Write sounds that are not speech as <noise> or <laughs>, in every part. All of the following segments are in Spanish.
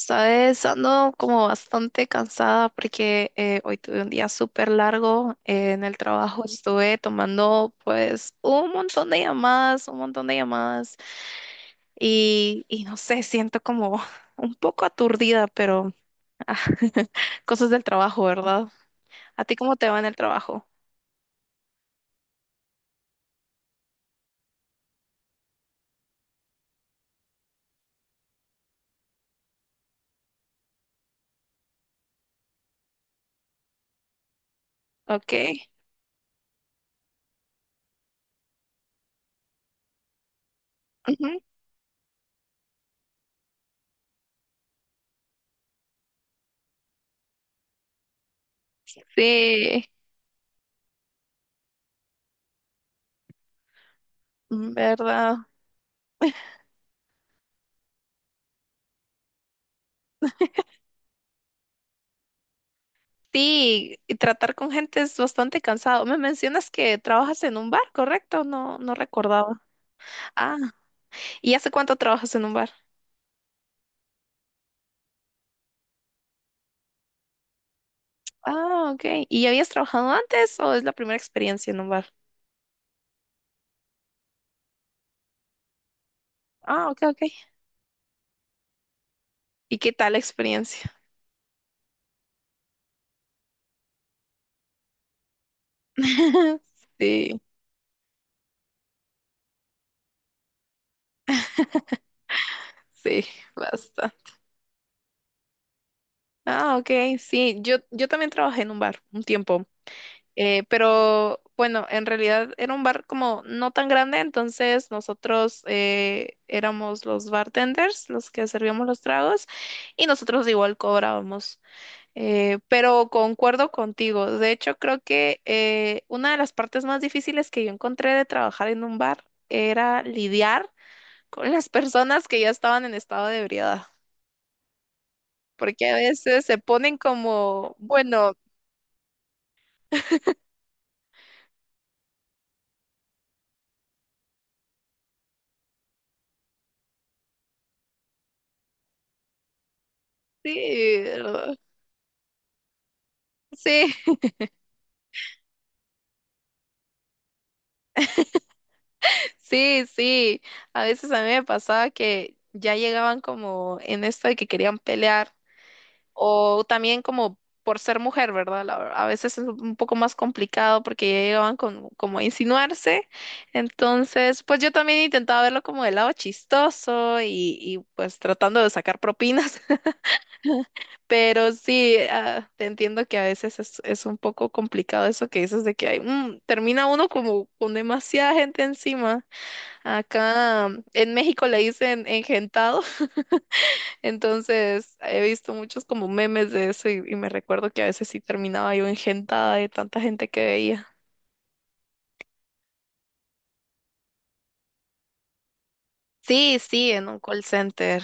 Sabes, ando como bastante cansada porque hoy tuve un día súper largo en el trabajo. Estuve tomando pues un montón de llamadas, un montón de llamadas y no sé, siento como <laughs> un poco aturdida, pero ah, <laughs> cosas del trabajo, ¿verdad? ¿A ti cómo te va en el trabajo? Ok. Ujú. Sí, ¿verdad? Sí, y tratar con gente es bastante cansado. Me mencionas que trabajas en un bar, ¿correcto? No recordaba. Ah, ¿y hace cuánto trabajas en un bar? Ah, ok. ¿Y ya habías trabajado antes o es la primera experiencia en un bar? Ah, ok, ok. ¿Y qué tal la experiencia? <laughs> Sí, sí, basta. Ah, ok, sí, yo también trabajé en un bar un tiempo, pero bueno, en realidad era un bar como no tan grande, entonces nosotros éramos los bartenders, los que servíamos los tragos, y nosotros igual cobrábamos. Pero concuerdo contigo. De hecho, creo que una de las partes más difíciles que yo encontré de trabajar en un bar era lidiar con las personas que ya estaban en estado de ebriedad, porque a veces se ponen como, bueno, sí, sí, <laughs> sí, sí. A veces a mí me pasaba que ya llegaban como en esto de que querían pelear. O también como por ser mujer, ¿verdad? A veces es un poco más complicado porque ya llegaban con, como a insinuarse. Entonces, pues yo también intentaba verlo como del lado chistoso y pues tratando de sacar propinas. <laughs> Pero sí, ah, te entiendo que a veces es un poco complicado eso que dices de que hay, termina uno como con demasiada gente encima. Acá en México le dicen engentado. Entonces, he visto muchos como memes de eso y me recuerdo que a veces sí terminaba yo engentada de tanta gente que veía. Sí, sí, en un call center.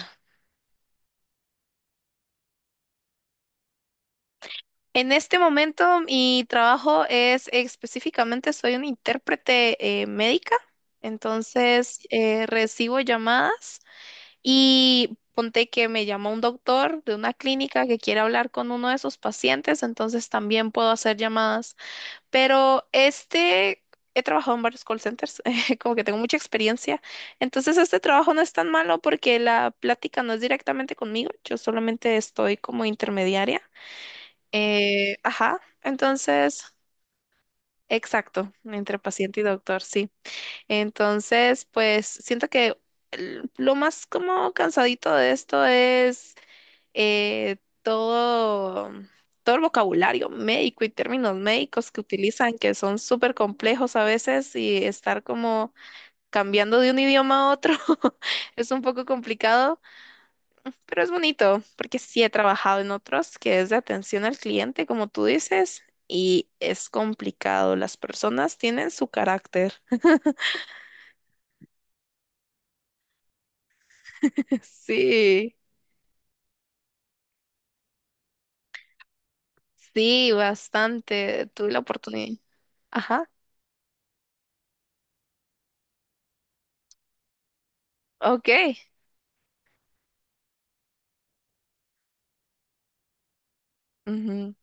En este momento mi trabajo es específicamente, soy una intérprete médica, entonces recibo llamadas y ponte que me llama un doctor de una clínica que quiere hablar con uno de sus pacientes, entonces también puedo hacer llamadas. Pero este, he trabajado en varios call centers, <laughs> como que tengo mucha experiencia. Entonces este trabajo no es tan malo porque la plática no es directamente conmigo, yo solamente estoy como intermediaria. Ajá, entonces, exacto, entre paciente y doctor, sí. Entonces, pues siento que lo más como cansadito de esto es eh, todo, todo el vocabulario médico y términos médicos que utilizan, que son súper complejos a veces, y estar como cambiando de un idioma a otro <laughs> es un poco complicado, pero es bonito, porque sí he trabajado en otros que es de atención al cliente, como tú dices. Y es complicado, las personas tienen su carácter. <laughs> Sí, sí, bastante. Tuve la oportunidad. Ajá, ok. Ujú.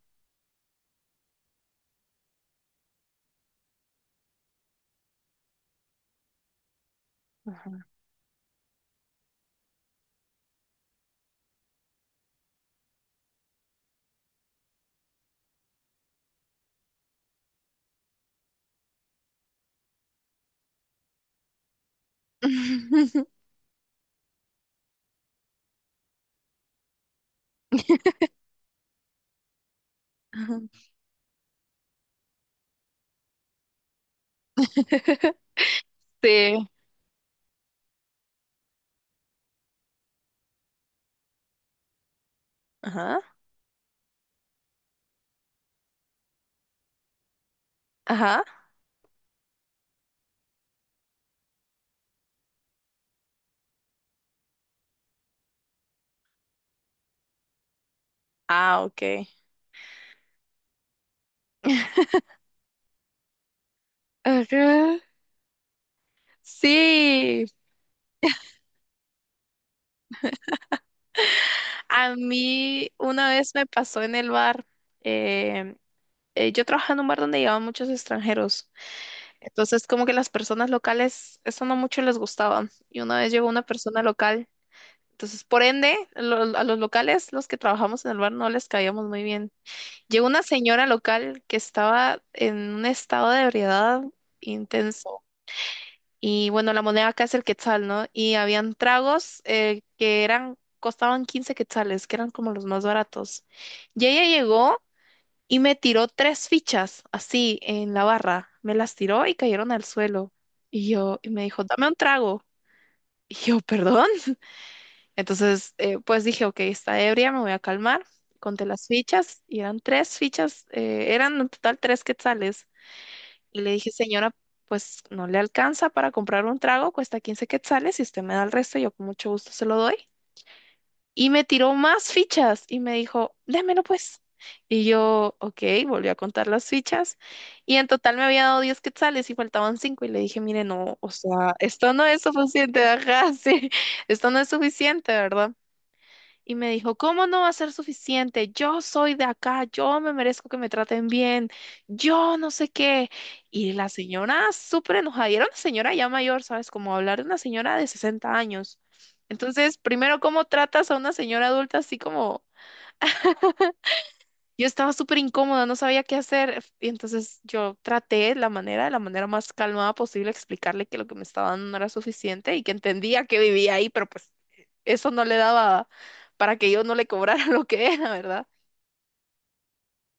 <laughs> <laughs> Ajá. <laughs> Sí. Ajá. Ajá. Ah, ok. Ajá. Sí. A mí una vez me pasó en el bar. eh, yo trabajaba en un bar donde llevaban muchos extranjeros. Entonces, como que las personas locales, eso no mucho les gustaba. Y una vez llegó una persona local. Entonces, por ende, a los locales, los que trabajamos en el bar, no les caíamos muy bien. Llegó una señora local que estaba en un estado de ebriedad intenso. Y bueno, la moneda acá es el quetzal, ¿no? Y habían tragos que eran, costaban 15 quetzales, que eran como los más baratos. Y ella llegó y me tiró tres fichas así en la barra. Me las tiró y cayeron al suelo. Y yo, y me dijo, dame un trago. <laughs> Y yo, perdón. <laughs> Entonces, pues dije, ok, está ebria, me voy a calmar. Conté las fichas y eran tres fichas, eran en total tres quetzales. Y le dije, señora, pues no le alcanza para comprar un trago, cuesta 15 quetzales, si usted me da el resto, yo con mucho gusto se lo doy. Y me tiró más fichas y me dijo, démelo pues. Y yo, ok, volví a contar las fichas y en total me había dado 10 quetzales y faltaban 5 y le dije, mire, no, o sea, esto no es suficiente, ajá, sí, <laughs> esto no es suficiente, ¿verdad? Y me dijo, ¿cómo no va a ser suficiente? Yo soy de acá, yo me merezco que me traten bien, yo no sé qué. Y la señora súper enojada, y era una señora ya mayor, ¿sabes? Como hablar de una señora de 60 años. Entonces, primero, ¿cómo tratas a una señora adulta así como yo estaba súper incómoda, no sabía qué hacer. Y entonces yo traté la manera, de la manera más calmada posible, explicarle que lo que me estaba dando no era suficiente y que entendía que vivía ahí, pero pues eso no le daba para que yo no le cobrara <laughs> lo que era, ¿verdad?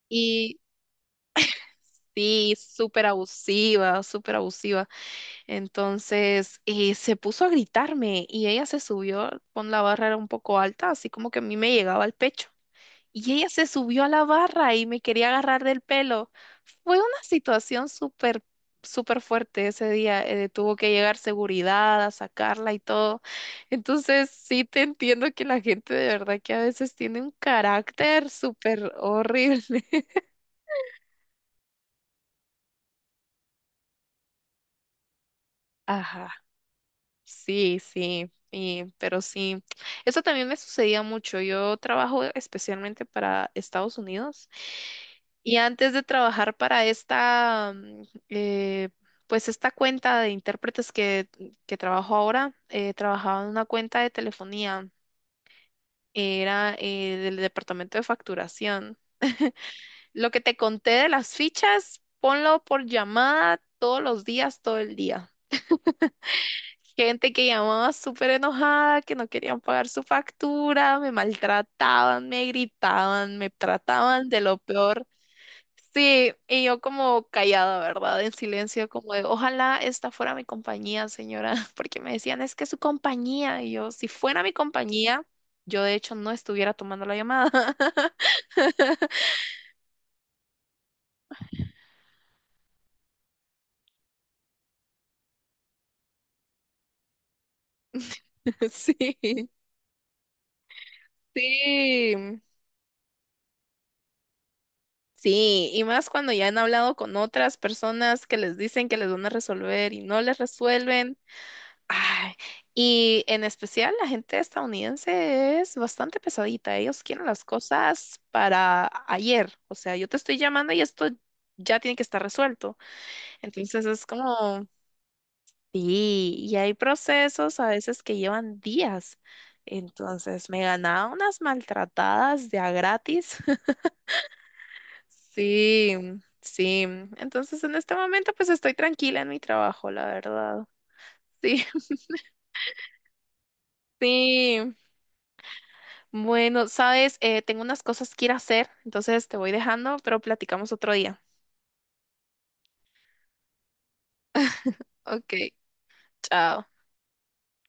Y sí, súper abusiva, súper abusiva. Entonces se puso a gritarme y ella se subió con la barra era un poco alta, así como que a mí me llegaba al pecho. Y ella se subió a la barra y me quería agarrar del pelo. Fue una situación súper, súper fuerte ese día. Tuvo que llegar seguridad a sacarla y todo. Entonces, sí te entiendo que la gente de verdad que a veces tiene un carácter súper horrible. <laughs> Ajá. Sí, sí, pero sí, eso también me sucedía mucho. Yo trabajo especialmente para Estados Unidos y antes de trabajar para esta, eh, pues esta cuenta de intérpretes que trabajo ahora, trabajaba en una cuenta de telefonía, era del departamento de facturación. Lo que te conté de las fichas, ponlo por llamada todos los días, todo el día. Gente que llamaba súper enojada, que no querían pagar su factura, me maltrataban, me gritaban, me trataban de lo peor. Sí, y yo como callada, ¿verdad? En silencio, como de, ojalá esta fuera mi compañía, señora, <laughs> porque me decían, es que es su compañía. Y yo, si fuera mi compañía, yo de hecho no estuviera tomando la llamada. <laughs> Sí, sí. Sí, y más cuando ya han hablado con otras personas que les dicen que les van a resolver y no les resuelven. Ay, y en especial la gente estadounidense es bastante pesadita. Ellos quieren las cosas para ayer. O sea, yo te estoy llamando y esto ya tiene que estar resuelto. Entonces es como, sí, y hay procesos a veces que llevan días. Entonces me ganaba unas maltratadas de a gratis. <laughs> Sí, sí. Entonces en este momento pues estoy tranquila en mi trabajo, la verdad. Sí, <laughs> sí. Bueno, sabes, tengo unas cosas que ir a hacer, entonces te voy dejando, pero platicamos otro día. Ok, chao.